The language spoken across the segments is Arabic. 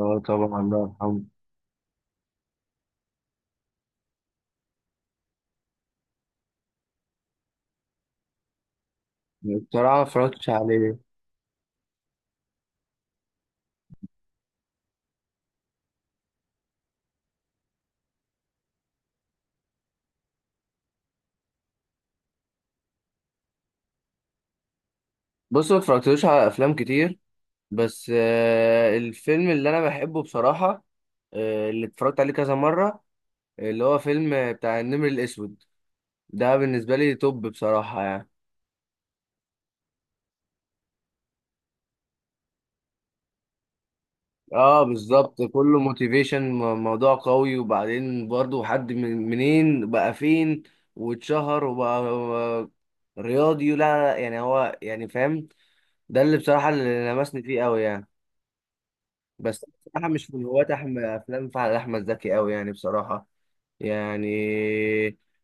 اه طبعا الله يرحمه. بصراحة ما اتفرجتش عليه. بص ما اتفرجتلوش على أفلام كتير. بس الفيلم اللي أنا بحبه بصراحة. اللي اتفرجت عليه كذا مرة، اللي هو فيلم بتاع النمر الأسود. ده بالنسبة لي توب بصراحة يعني. اه بالظبط، كله موتيفيشن، موضوع قوي. وبعدين برضه حد من منين بقى فين واتشهر وبقى رياضي. لا لا لا، يعني هو يعني فاهم. ده اللي بصراحة اللي لمسني فيه قوي يعني. بس بصراحة مش من هواة أحمد، أفلام فعلا أحمد زكي أوي يعني بصراحة. يعني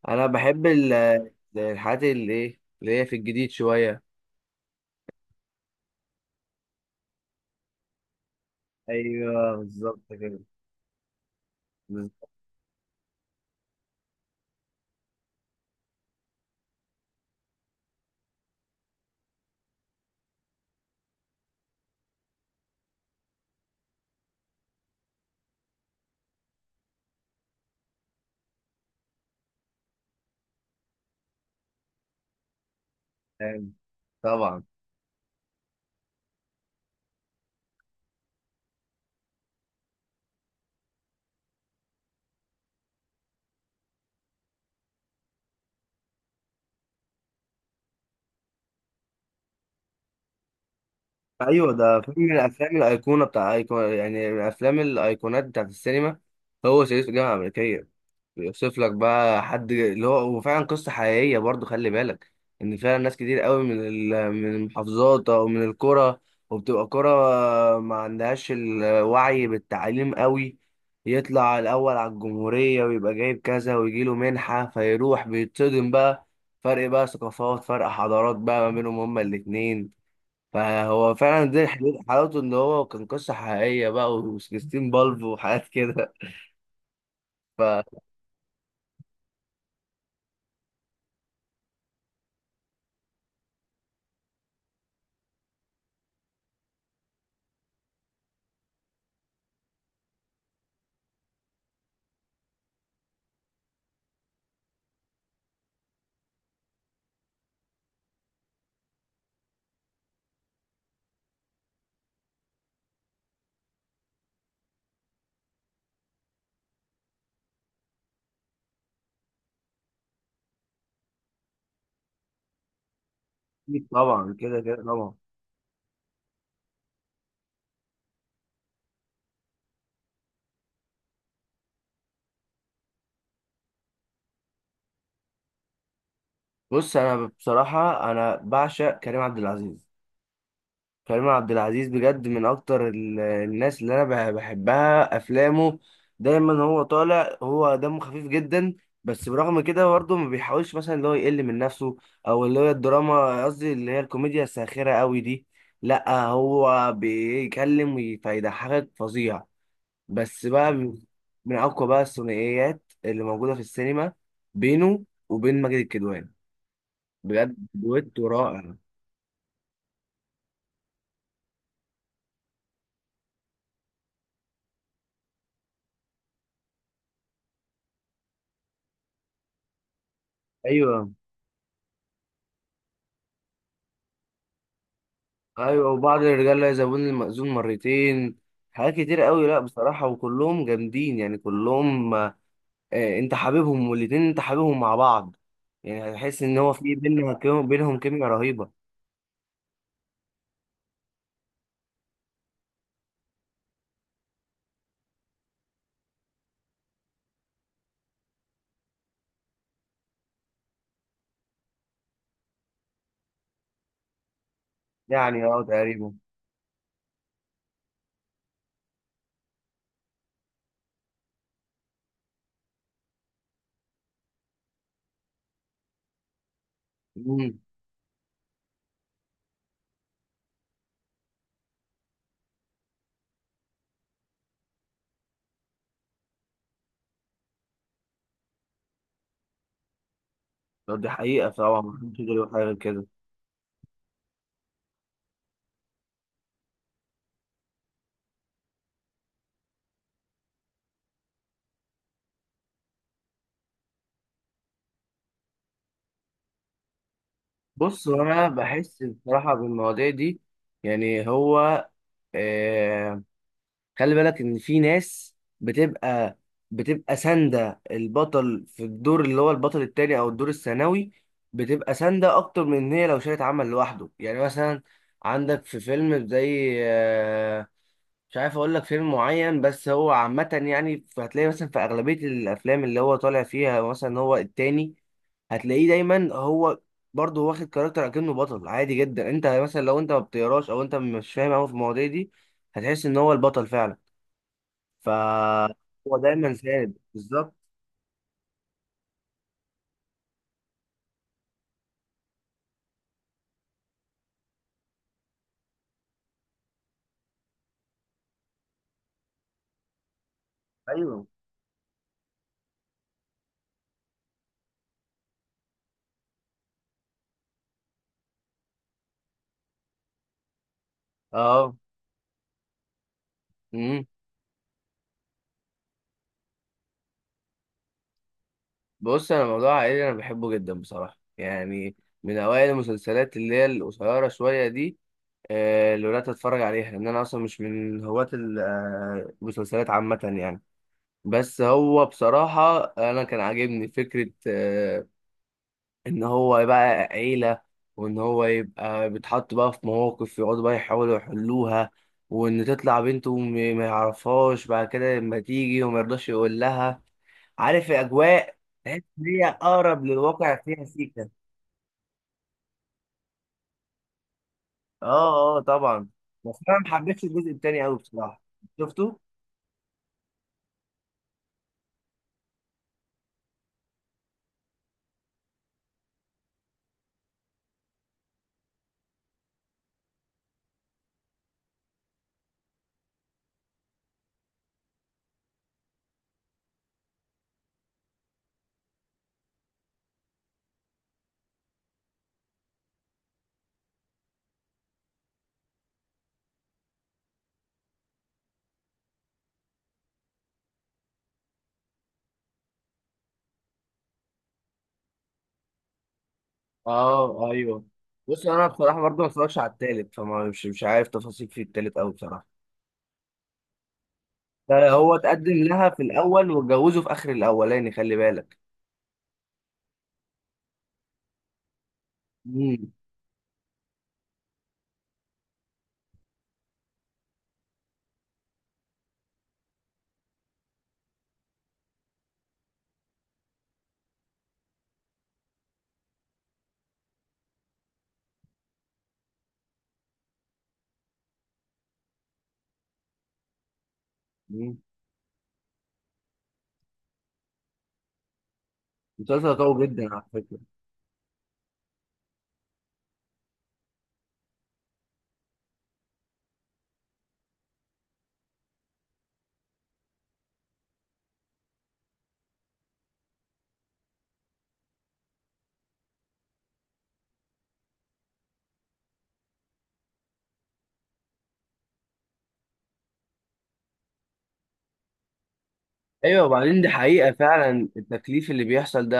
أنا بحب الحاجات اللي إيه اللي هي في الجديد شوية. أيوه بالظبط كده. بالظبط. طبعا. أيوه، ده فيلم من الأفلام الأيقونة بتاع أيقونة، يعني من أفلام الأيقونات بتاعت السينما. هو صعيدي في الجامعة الأمريكية. بيوصف لك بقى حد اللي هو، وفعلا قصة حقيقية برضو، خلي بالك ان فعلا ناس كتير قوي من من المحافظات او من القرى، وبتبقى قرى ما عندهاش الوعي بالتعليم قوي. يطلع الاول على الجمهورية ويبقى جايب كذا ويجي له منحة، فيروح بيتصدم بقى. فرق بقى ثقافات، فرق حضارات بقى ما بينهم هما الاتنين. فهو فعلا دي حلاوته ان هو كان قصة حقيقية بقى، و16 بالف وحاجات كده. فأكيد. طبعا كده كده طبعا. بص انا بصراحه انا بعشق كريم عبد العزيز. كريم عبد العزيز بجد من اكتر الناس اللي انا بحبها افلامه. دايما هو طالع، هو دمه خفيف جدا. بس برغم كده برضه ما بيحاولش مثلا اللي هو يقل من نفسه، او اللي هي الدراما، قصدي اللي هي الكوميديا الساخره قوي دي. لا، هو بيتكلم فيضحكك فظيع. بس بقى من اقوى بقى الثنائيات اللي موجوده في السينما، بينه وبين ماجد الكدواني. بجد دويتو رائع. ايوه ايوه، وبعض الرجال لا يزوون المأذون مرتين. حاجات كتير قوي، لا بصراحة وكلهم جامدين يعني كلهم. انت حبيبهم، والاتنين انت حبيبهم مع بعض. يعني هتحس ان هو في بينهم كيميا رهيبة. يعني اه تقريبا. امم. طب دي حقيقة طبعا، محدش يقدر يقول حاجة غير كده. بص، هو انا بحس بصراحة بالمواضيع دي. يعني هو آه، خلي بالك ان في ناس بتبقى ساندة البطل، في الدور اللي هو البطل التاني او الدور الثانوي. بتبقى ساندة اكتر من ان هي لو شالت عمل لوحده. يعني مثلا، عندك في فيلم زي مش عارف اقول لك فيلم معين، بس هو عامة يعني هتلاقي مثلا في اغلبية الافلام اللي هو طالع فيها، مثلا هو التاني. هتلاقيه دايما هو برضه واخد كاركتر اكنه بطل عادي جدا. انت مثلا لو انت ما بتقراش او انت مش فاهم قوي في المواضيع دي، هتحس ان هو البطل فعلا. فهو دايما ساند بالظبط. ايوه. اه. امم. بص انا موضوع عائلي انا بحبه جدا بصراحه يعني. من اوائل المسلسلات اللي هي القصيره شويه دي، اللي بدات اتفرج عليها، لان انا اصلا مش من هواة المسلسلات عامه يعني. بس هو بصراحه انا كان عاجبني فكره ان هو يبقى عيلة، وان هو يبقى بيتحط بقى في مواقف يقعدوا بقى يحاولوا يحلوها، وان تطلع بنته ما يعرفهاش بعد كده لما تيجي وما يرضاش يقول لها. عارف الاجواء. تحس ان هي اقرب للواقع، فيها سيكا. اه اه طبعا. بس انا ما حبيتش الجزء التاني قوي بصراحة. شفته؟ اه ايوه. بص انا بصراحة برضه ما اتفرجش على التالت، فما مش عارف تفاصيل في التالت قوي بصراحة. ده هو اتقدم لها في الاول واتجوزه في اخر الاولاني، خلي بالك. مم. مم. مسلسل قوي جدا على فكرة. ايوه، وبعدين دي حقيقة فعلا التكليف اللي بيحصل ده.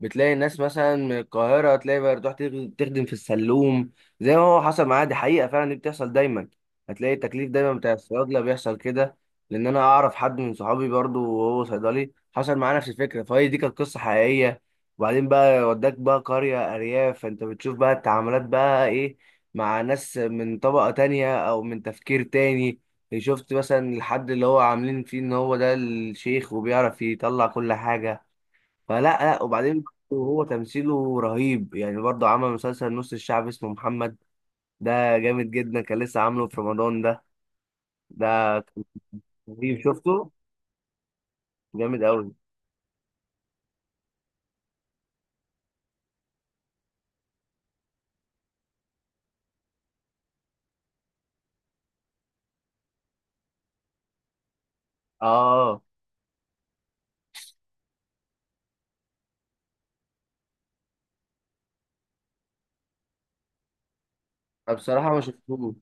بتلاقي الناس مثلا من القاهرة، تلاقي بقى تروح تخدم في السلوم، زي ما هو حصل معايا. دي حقيقة فعلا، دي بتحصل دايما. هتلاقي التكليف دايما بتاع الصيادلة بيحصل كده، لأن أنا أعرف حد من صحابي برضو وهو صيدلي حصل معاه نفس الفكرة، فهي دي كانت قصة حقيقية. وبعدين بقى، وداك بقى قرية أرياف، فأنت بتشوف بقى التعاملات بقى إيه مع ناس من طبقة تانية أو من تفكير تاني. شفت مثلا الحد اللي هو عاملين فيه ان هو ده الشيخ وبيعرف يطلع كل حاجة، فلا. لا وبعدين، هو تمثيله رهيب يعني. برضه عمل مسلسل نص الشعب اسمه محمد، ده جامد جدا، كان لسه عامله في رمضان ده. كان رهيب، شفته؟ جامد قوي. اه أنا بصراحة ما شفتوش.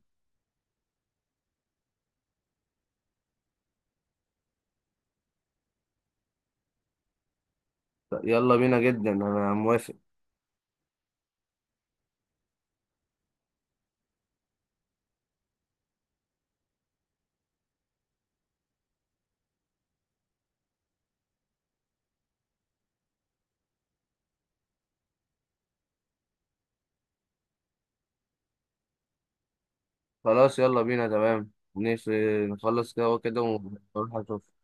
يلا بينا جدا انا موافق. خلاص يلا بينا تمام. نس- نخلص كده وكده ونروح أشوف.